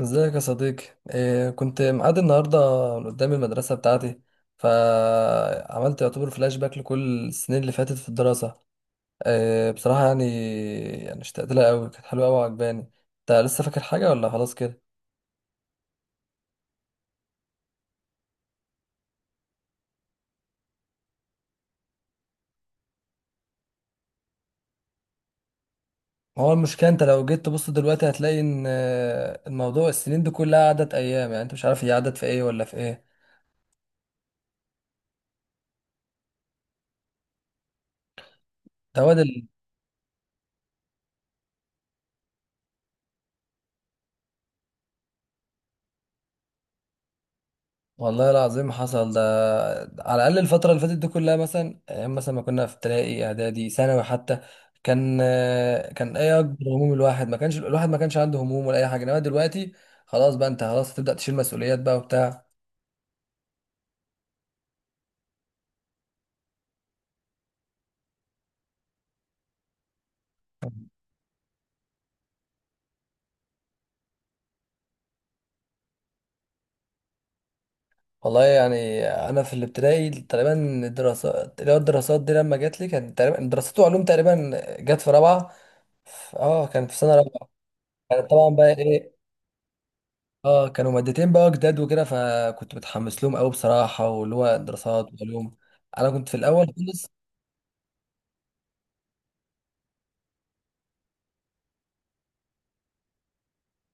ازيك يا صديقي. إيه كنت مقعد النهارده قدام المدرسه بتاعتي، فعملت يعتبر فلاش باك لكل السنين اللي فاتت في الدراسه. إيه بصراحه، يعني اشتقت لها قوي، كانت حلوه قوي وعجباني. انت لسه فاكر حاجه ولا خلاص كده؟ ما هو المشكله، انت لو جيت تبص دلوقتي هتلاقي ان الموضوع، السنين دي كلها عدت ايام، يعني انت مش عارف هي عدت في ايه ولا في ايه. ده هو ده. والله العظيم حصل ده. على الأقل الفترة اللي فاتت دي كلها، مثلا أيام مثلا ما كنا في ابتدائي إعدادي ثانوي حتى، كان كان إيه أكبر هموم الواحد؟ ما كانش عنده هموم ولا أي حاجة. إنما دلوقتي خلاص بقى، أنت خلاص هتبدأ تشيل مسؤوليات بقى وبتاع. والله يعني أنا في الابتدائي تقريبا، الدراسات اللي هو الدراسات دي لما جت لي كان تقريبا دراسات وعلوم، تقريبا جت في رابعة. كان في سنة رابعة. كانت طبعا بقى إيه اه كانوا مادتين بقى جداد وكده، فكنت متحمس لهم قوي بصراحه واللي هو دراسات وعلوم. انا كنت في الاول خالص.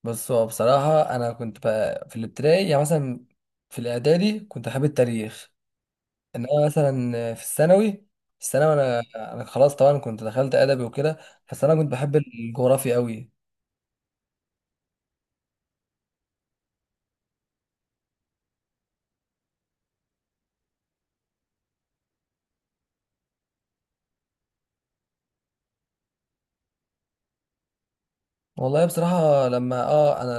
بس هو بصراحه انا كنت بقى في الابتدائي يعني مثلا، في الاعدادي كنت حابب التاريخ، انما مثلا في الثانوي انا خلاص طبعا كنت دخلت ادبي وكده، بس انا كنت بحب الجغرافيا قوي. والله بصراحة لما انا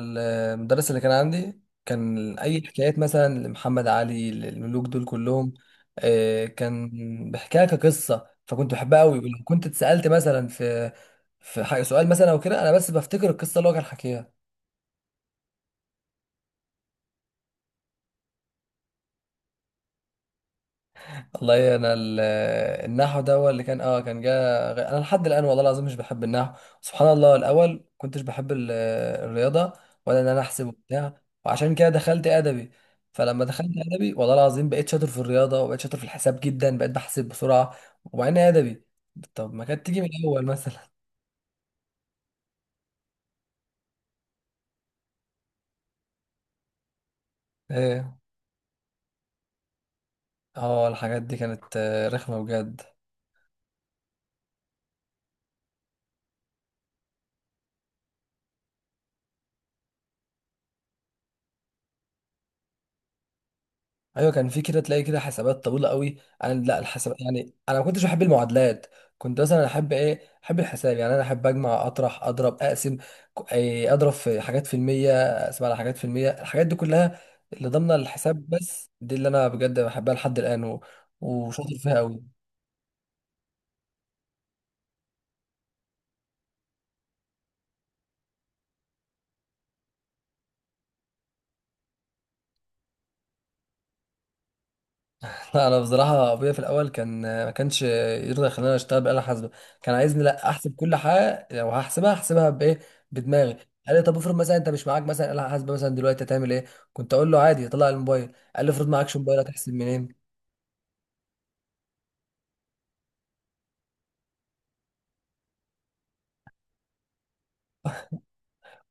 المدرس اللي كان عندي، كان اي حكايات مثلا لمحمد علي للملوك دول كلهم، كان بيحكيها كقصة، فكنت بحبها قوي. ولو كنت اتسألت مثلا في حاجة سؤال مثلا او كده، انا بس بفتكر القصة اللي هو كان حكيها. والله انا ال- النحو ده هو اللي كان جا، انا لحد الان والله العظيم مش بحب النحو. سبحان الله، الاول كنتش بحب الرياضه، ولا انا احسب وبتاع، وعشان كده دخلت ادبي. فلما دخلت ادبي والله العظيم بقيت شاطر في الرياضه، وبقيت شاطر في الحساب جدا، بقيت بحسب بسرعه ومع اني ادبي. طب ما كانت تيجي من الاول مثلا ايه اه الحاجات دي كانت رخمه بجد. ايوه، كان في كده، تلاقي كده حسابات طويله قوي. انا لا، الحساب يعني انا ما كنتش بحب المعادلات. كنت مثلا احب الحساب. يعني انا احب اجمع اطرح اضرب اقسم، ك- إيه، اضرب في حاجات في المية، اقسم على حاجات في المية، الحاجات دي كلها اللي ضمن الحساب، بس دي اللي انا بجد بحبها لحد الان وشاطر فيها قوي. لا انا بصراحه ابويا في الاول كان ما كانش يرضى يخليني اشتغل بآلة حاسبه. كان عايزني لا، احسب كل حاجه لو هحسبها احسبها بايه، بدماغي. قال لي طب افرض مثلا انت مش معاك مثلا آلة حاسبه مثلا دلوقتي، هتعمل ايه؟ كنت اقول له عادي طلع الموبايل. قال لي افرض معكش موبايل، هتحسب منين؟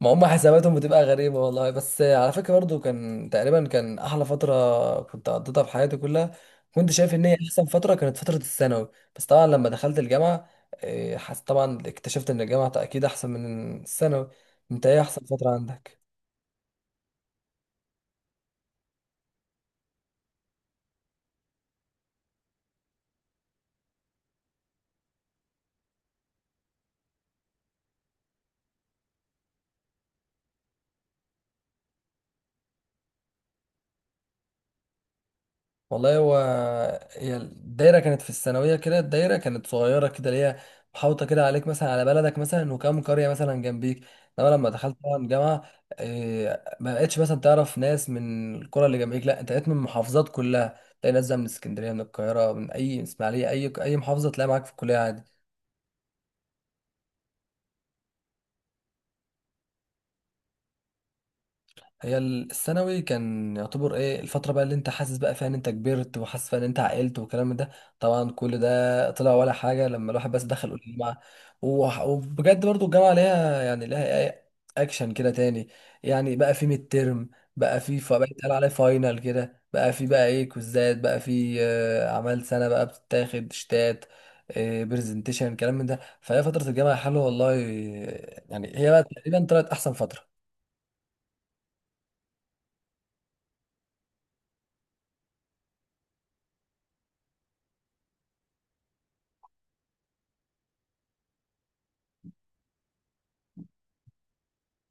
ما هم حساباتهم بتبقى غريبة، والله. بس على فكرة برضو كان تقريبا كان أحلى فترة كنت قضيتها في حياتي كلها، كنت شايف إن هي أحسن فترة، كانت فترة الثانوي. بس طبعا لما دخلت الجامعة، إيه، حس طبعا اكتشفت إن الجامعة أكيد أحسن من الثانوي. أنت إيه أحسن فترة عندك؟ والله هو، هي الدايرة كانت في الثانوية كده، الدايرة كانت صغيرة كده، اللي هي محاوطة كده عليك مثلا على بلدك مثلا وكام قرية مثلا جنبيك. انما لما دخلت طبعا جامعة، ما بقتش مثلا تعرف ناس من القرى اللي جنبيك، لا، انت بقيت من المحافظات كلها تلاقي ناس بقى من اسكندرية من القاهرة من اي من اسماعيلية، اي محافظة تلاقي معاك في الكلية عادي. هي الثانوي كان يعتبر ايه الفترة بقى اللي انت حاسس بقى فيها ان انت كبرت، وحاسس فيها ان انت عقلت والكلام ده. طبعا كل ده طلع ولا حاجة لما الواحد بس دخل الجامعة. وبجد برضو الجامعة ليها يعني ليها ايه، اكشن كده تاني. يعني بقى في ميد ترم، بقى بقى يتقال عليه فاينل كده، بقى في بقى ايه كوزات، بقى في اعمال سنة بقى بتتاخد شتات، برزنتيشن الكلام من ده. فهي فترة الجامعة حلوة والله، يعني هي بقى تقريبا طلعت احسن فترة.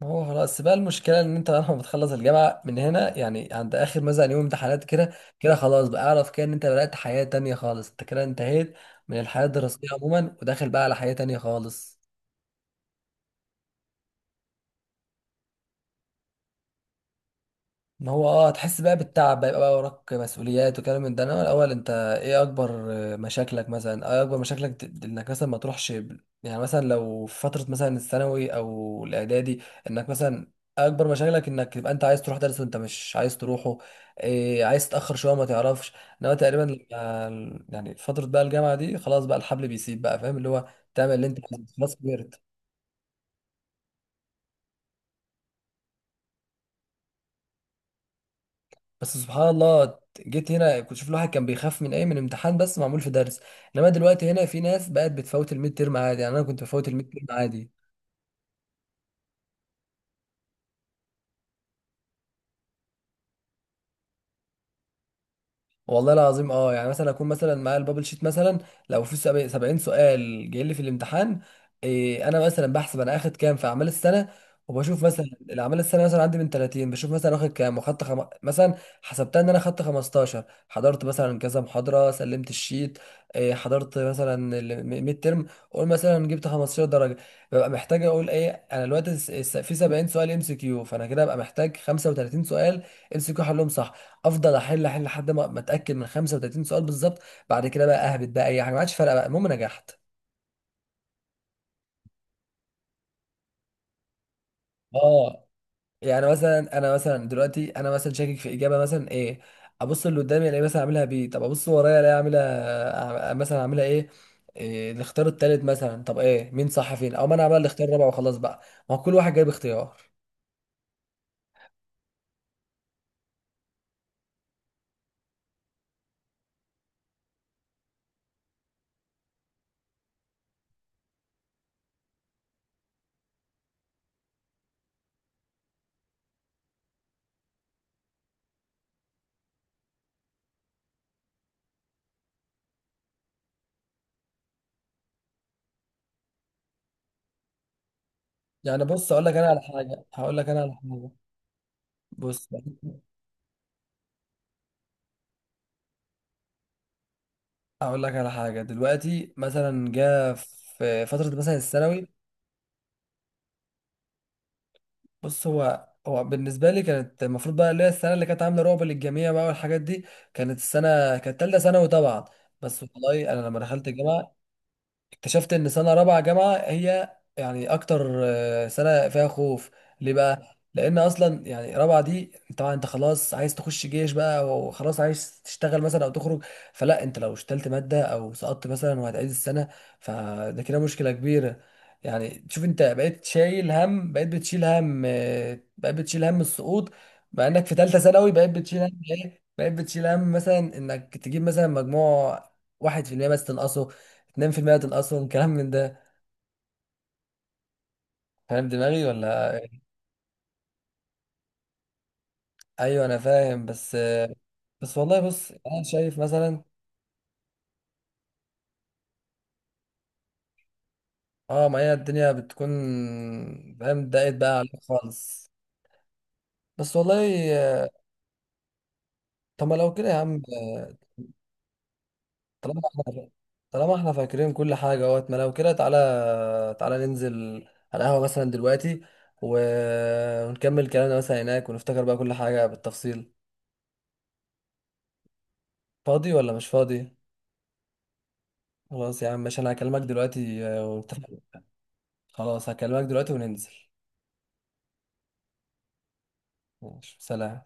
ما هو خلاص بقى المشكلة إن أنت لما بتخلص الجامعة من هنا، يعني عند آخر مثلا يوم امتحانات كده، كده خلاص بقى أعرف كده إن أنت بدأت حياة تانية خالص، أنت كده انتهيت من الحياة الدراسية عموما، وداخل بقى على حياة تانية خالص. ما هو، هتحس بقى بالتعب بقى، يبقى بقى وراك مسؤوليات وكلام من ده. انا الاول انت ايه اكبر مشاكلك، مثلا ايه اكبر مشاكلك، انك مثلا ما تروحش يعني مثلا لو في فتره مثلا الثانوي او الاعدادي، انك مثلا اكبر مشاكلك انك تبقى انت عايز تروح درس وانت مش عايز تروحه، عايز تتاخر شويه ما تعرفش. انما تقريبا، يعني فتره بقى الجامعه دي خلاص بقى الحبل بيسيب بقى، فاهم، اللي هو تعمل اللي انت عايزه، خلاص كبرت. بس سبحان الله، جيت هنا كنت شوف الواحد كان بيخاف من ايه؟ من امتحان بس معمول في درس، انما دلوقتي هنا في ناس بقت بتفوت الميد تيرم عادي. يعني انا كنت بفوت الميد تيرم عادي. والله العظيم يعني مثلا اكون مثلا معايا البابل شيت مثلا، لو في 70 سؤال جاي لي في الامتحان، انا مثلا بحسب، انا اخد كام في اعمال السنه؟ وبشوف مثلا الاعمال السنه مثلا عندي من 30، بشوف مثلا واخد كام، مثلا حسبتها ان انا خدت 15، حضرت مثلا كذا محاضره، سلمت الشيت، حضرت مثلا الميد ترم، قول مثلا جبت 15 درجه. ببقى محتاج اقول ايه انا دلوقتي؟ في 70 سؤال ام سي كيو، فانا كده ببقى محتاج 35 سؤال ام سي كيو حلهم صح، افضل احل لحد ما اتاكد من 35 سؤال بالظبط. بعد كده بقى اهبط بقى، اي حاجه ما عادش فارقه بقى، المهم نجحت. اه يعني مثلا انا مثلا دلوقتي، انا مثلا شاكك في اجابه مثلا ايه، ابص اللي قدامي الاقي مثلا اعملها بي، طب ابص ورايا الاقي اعملها مثلا اعملها ايه، الاختيار التالت مثلا، طب ايه مين صح فين، او ما انا اعمل الاختيار الرابع وخلاص بقى، ما هو كل واحد جايب اختيار. يعني بص اقول لك انا على حاجه هقول لك انا على حاجه. بص اقول لك على حاجه دلوقتي مثلا، جاء في فتره مثلا الثانوي، بص هو بالنسبة لي كانت المفروض بقى اللي هي السنة اللي كانت عاملة رعب للجميع بقى والحاجات دي، كانت السنة كانت تالتة ثانوي طبعا. بس والله أنا لما دخلت الجامعة، اكتشفت ان سنه رابعه جامعه هي يعني اكتر سنه فيها خوف. ليه بقى؟ لان اصلا يعني رابعه دي، طبعا انت خلاص عايز تخش جيش بقى، وخلاص عايز تشتغل مثلا او تخرج، فلا انت لو اشتلت ماده او سقطت مثلا وهتعيد السنه فده كده مشكله كبيره. يعني شوف، انت بقيت شايل هم، بقيت بتشيل هم بقيت بتشيل هم السقوط، مع انك في ثالثه ثانوي بقيت بتشيل هم بقيت بتشيل هم مثلا انك تجيب مثلا مجموع واحد في المية بس تنقصه، نام في المقتل اصلا كلام من ده. فاهم دماغي ولا إيه؟ ايوه انا فاهم. بس والله بص انا شايف مثلا، اه ما هي الدنيا بتكون، فاهم، ضاقت بقى عليك خالص. بس والله طب ما لو كده يا عم آه، طالما احنا طالما احنا فاكرين كل حاجه اهوت، ما لو كده تعالى، تعالى ننزل على القهوه مثلا دلوقتي، و... ونكمل كلامنا مثلا هناك، ونفتكر بقى كل حاجه بالتفصيل. فاضي ولا مش فاضي؟ خلاص يا عم، ماشي، انا هكلمك دلوقتي ونتفق. خلاص هكلمك دلوقتي وننزل. ماشي، سلام.